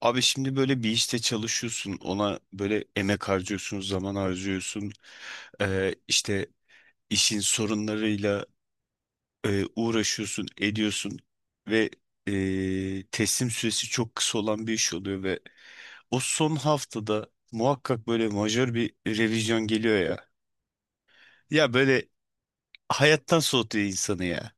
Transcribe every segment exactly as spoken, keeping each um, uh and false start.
Abi şimdi böyle bir işte çalışıyorsun, ona böyle emek harcıyorsun, zaman harcıyorsun. Ee, işte işin sorunlarıyla e, uğraşıyorsun, ediyorsun ve e, teslim süresi çok kısa olan bir iş oluyor ve o son haftada muhakkak böyle majör bir revizyon geliyor ya. Ya böyle hayattan soğutuyor insanı ya.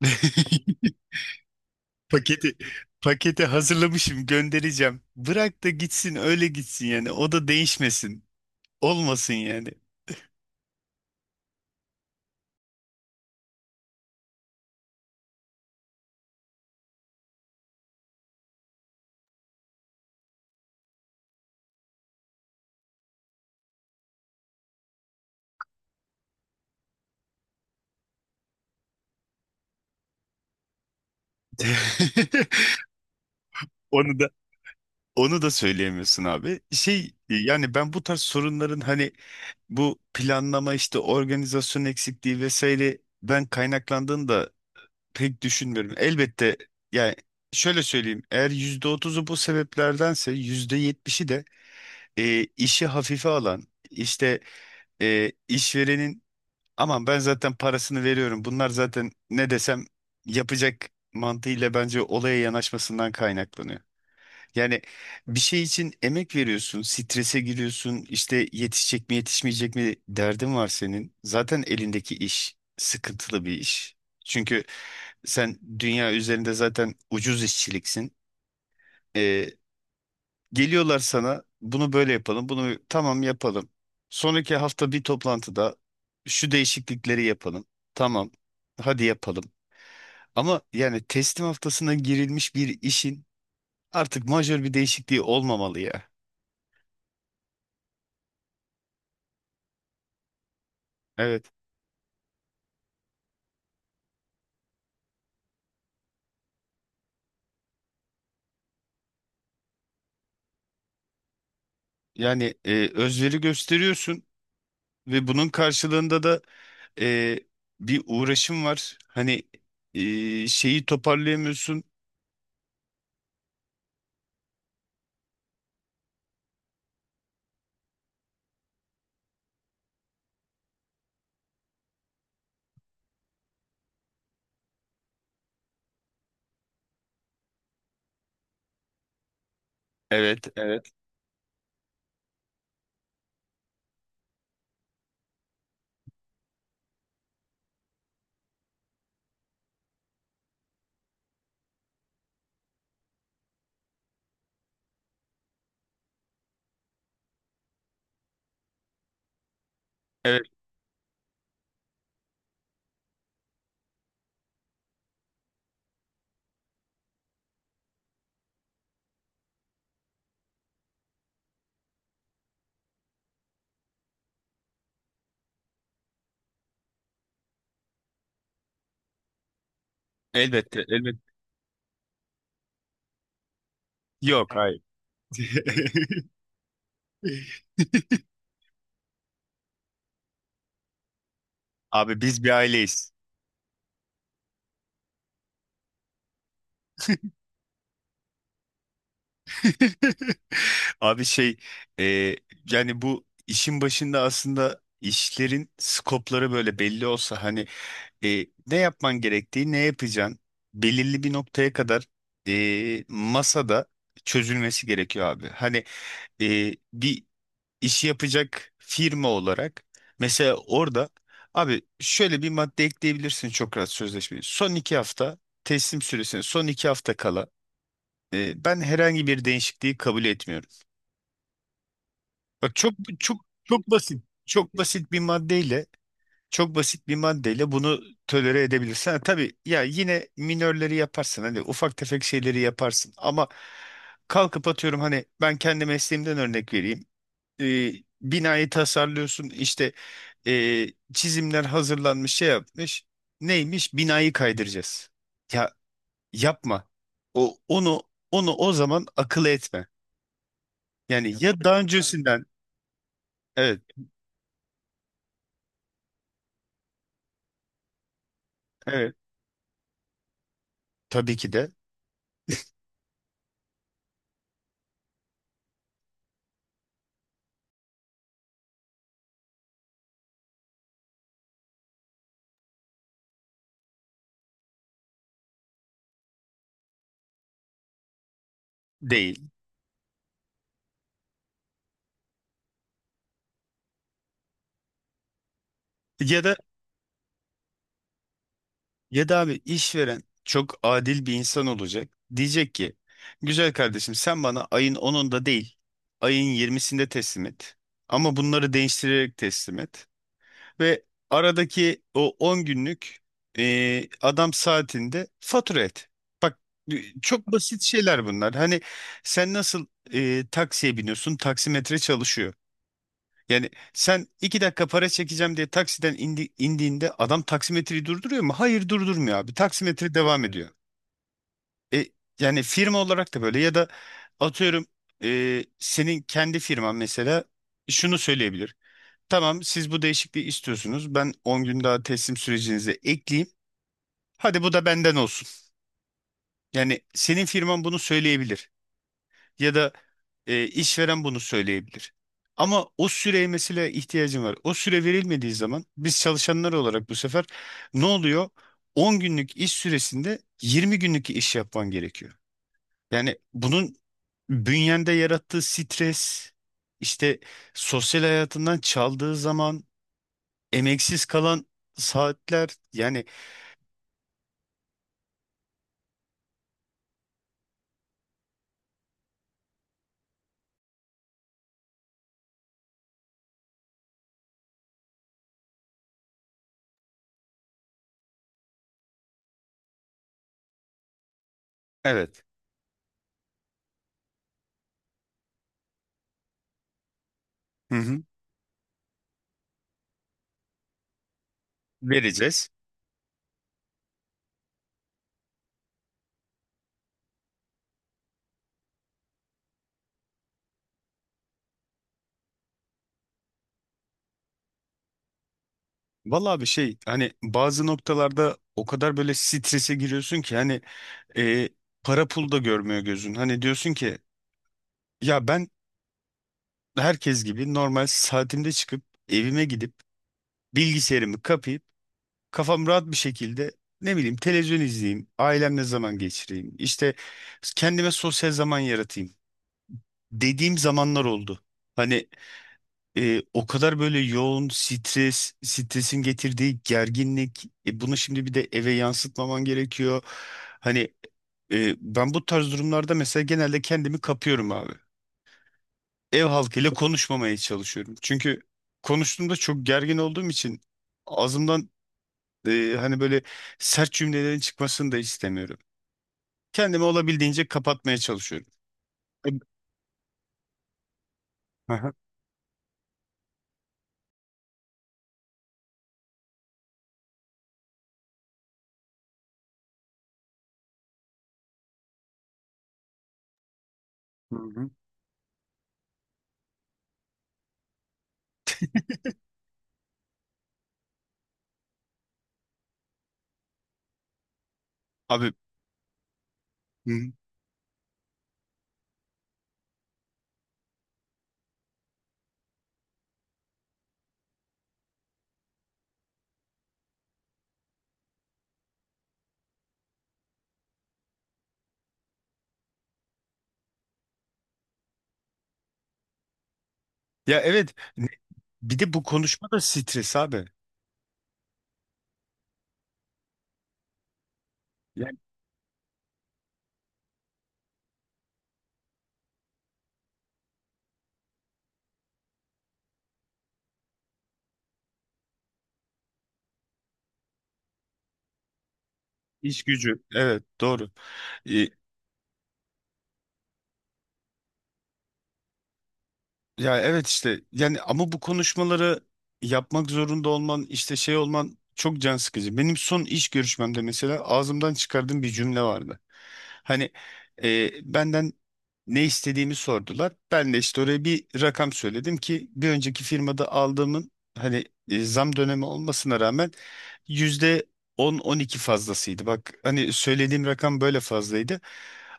Paketi paketi hazırlamışım, göndereceğim. Bırak da gitsin, öyle gitsin yani, o da değişmesin. Olmasın yani. Onu da onu da söyleyemiyorsun abi. Şey e, yani ben bu tarz sorunların, hani bu planlama, işte organizasyon eksikliği vesaire, ben kaynaklandığını da pek düşünmüyorum. Elbette, yani şöyle söyleyeyim: eğer yüzde otuzu bu sebeplerdense, yüzde yetmişi de e, işi hafife alan, işte e, işverenin "Aman, ben zaten parasını veriyorum. Bunlar zaten ne desem yapacak" mantığıyla bence olaya yanaşmasından kaynaklanıyor. Yani bir şey için emek veriyorsun, strese giriyorsun, işte yetişecek mi yetişmeyecek mi derdin var senin. Zaten elindeki iş sıkıntılı bir iş. Çünkü sen dünya üzerinde zaten ucuz işçiliksin. Ee, Geliyorlar sana, bunu böyle yapalım, bunu tamam yapalım. Sonraki hafta bir toplantıda şu değişiklikleri yapalım. Tamam, hadi yapalım. Ama yani teslim haftasına girilmiş bir işin artık majör bir değişikliği olmamalı ya. Evet. Yani e, özveri gösteriyorsun ve bunun karşılığında da e, bir uğraşım var. Hani e, şeyi toparlayamıyorsun. Evet, evet, evet. Elbette, elbette. Yok, hayır. Abi, biz bir aileyiz. Abi, şey e, yani bu işin başında aslında işlerin skopları böyle belli olsa, hani e, ne yapman gerektiği, ne yapacaksın, belirli bir noktaya kadar e, masada çözülmesi gerekiyor abi. Hani e, bir işi yapacak firma olarak mesela orada, abi, şöyle bir madde ekleyebilirsin çok rahat sözleşmeyi. Son iki hafta, teslim süresine son iki hafta kala, e, ben herhangi bir değişikliği kabul etmiyorum. Bak, çok çok çok basit. Çok basit bir maddeyle çok basit bir maddeyle bunu tolere edebilirsin. Ha, tabii ya, yine minörleri yaparsın. Hani ufak tefek şeyleri yaparsın. Ama kalkıp atıyorum, hani ben kendi mesleğimden örnek vereyim. E, Binayı tasarlıyorsun, işte e, çizimler hazırlanmış, şey yapmış. Neymiş? Binayı kaydıracağız. Ya, yapma. O onu onu o zaman akıl etme. Yani, ya daha öncesinden, evet, evet, tabii ki de. Değil. Ya da, ya da abi, işveren çok adil bir insan olacak. Diyecek ki güzel kardeşim, sen bana ayın onunda değil, ayın yirmisinde teslim et. Ama bunları değiştirerek teslim et. Ve aradaki o on günlük e, adam saatinde fatura et. Bak, e, çok basit şeyler bunlar. Hani sen nasıl e, taksiye biniyorsun, taksimetre çalışıyor. Yani sen iki dakika para çekeceğim diye taksiden indi- indiğinde adam taksimetreyi durduruyor mu? Hayır, durdurmuyor abi. Taksimetre devam ediyor. E, Yani firma olarak da böyle, ya da atıyorum e, senin kendi firman mesela şunu söyleyebilir: tamam, siz bu değişikliği istiyorsunuz, ben on gün daha teslim sürecinize ekleyeyim. Hadi bu da benden olsun. Yani senin firman bunu söyleyebilir. Ya da e, işveren bunu söyleyebilir. Ama o süreye mesela ihtiyacım var. O süre verilmediği zaman biz çalışanlar olarak bu sefer ne oluyor? on günlük iş süresinde yirmi günlük iş yapman gerekiyor. Yani bunun bünyende yarattığı stres, işte sosyal hayatından çaldığı zaman, emeksiz kalan saatler yani. Evet. Hı hı. Vereceğiz. Vallahi bir şey, hani bazı noktalarda o kadar böyle strese giriyorsun ki, hani e, para pul da görmüyor gözün. Hani diyorsun ki ya ben herkes gibi normal saatimde çıkıp, evime gidip, bilgisayarımı kapayıp, kafam rahat bir şekilde, ne bileyim, televizyon izleyeyim, ailemle zaman geçireyim, işte kendime sosyal zaman yaratayım dediğim zamanlar oldu. Hani E, o kadar böyle yoğun stres, stresin getirdiği gerginlik, e, bunu şimdi bir de eve yansıtmaman gerekiyor. Hani e, ben bu tarz durumlarda mesela genelde kendimi kapıyorum abi. Ev halkıyla konuşmamaya çalışıyorum. Çünkü konuştuğumda çok gergin olduğum için ağzımdan e, hani böyle sert cümlelerin çıkmasını da istemiyorum. Kendimi olabildiğince kapatmaya çalışıyorum. E, Aha. Hı hı. Abi. Hı hı. Ya evet, ne- bir de bu konuşma da stres abi. İş gücü. Evet, doğru. E, Ya evet, işte yani, ama bu konuşmaları yapmak zorunda olman, işte şey olman çok can sıkıcı. Benim son iş görüşmemde mesela ağzımdan çıkardığım bir cümle vardı. Hani e, benden ne istediğimi sordular. Ben de işte oraya bir rakam söyledim ki bir önceki firmada aldığımın, hani e, zam dönemi olmasına rağmen yüzde on on iki fazlasıydı. Bak, hani söylediğim rakam böyle fazlaydı.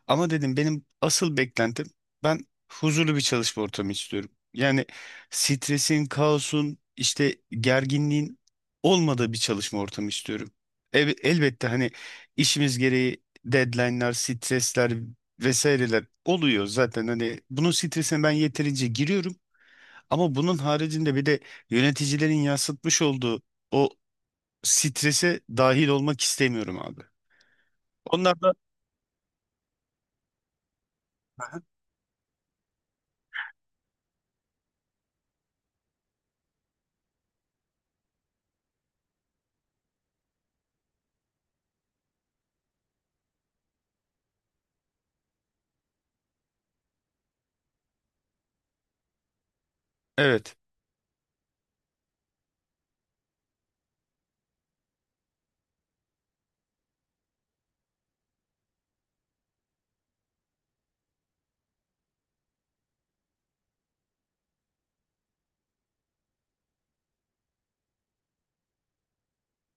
Ama dedim benim asıl beklentim, ben huzurlu bir çalışma ortamı istiyorum. Yani stresin, kaosun, işte gerginliğin olmadığı bir çalışma ortamı istiyorum. Ev- elbette, hani işimiz gereği deadline'lar, stresler vesaireler oluyor zaten. Hani bunun stresine ben yeterince giriyorum. Ama bunun haricinde bir de yöneticilerin yansıtmış olduğu o strese dahil olmak istemiyorum abi. Onlar da evet,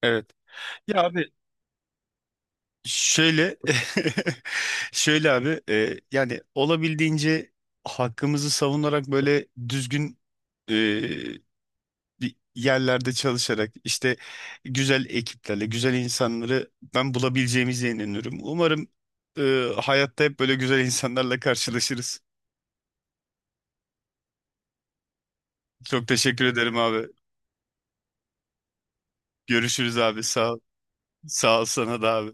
evet. Ya abi, şöyle, şöyle abi, e, yani olabildiğince hakkımızı savunarak, böyle düzgün e, bir yerlerde çalışarak, işte güzel ekiplerle, güzel insanları ben bulabileceğimize inanıyorum. Umarım e, hayatta hep böyle güzel insanlarla karşılaşırız. Çok teşekkür ederim abi. Görüşürüz abi. Sağ ol. Sağ ol sana da abi.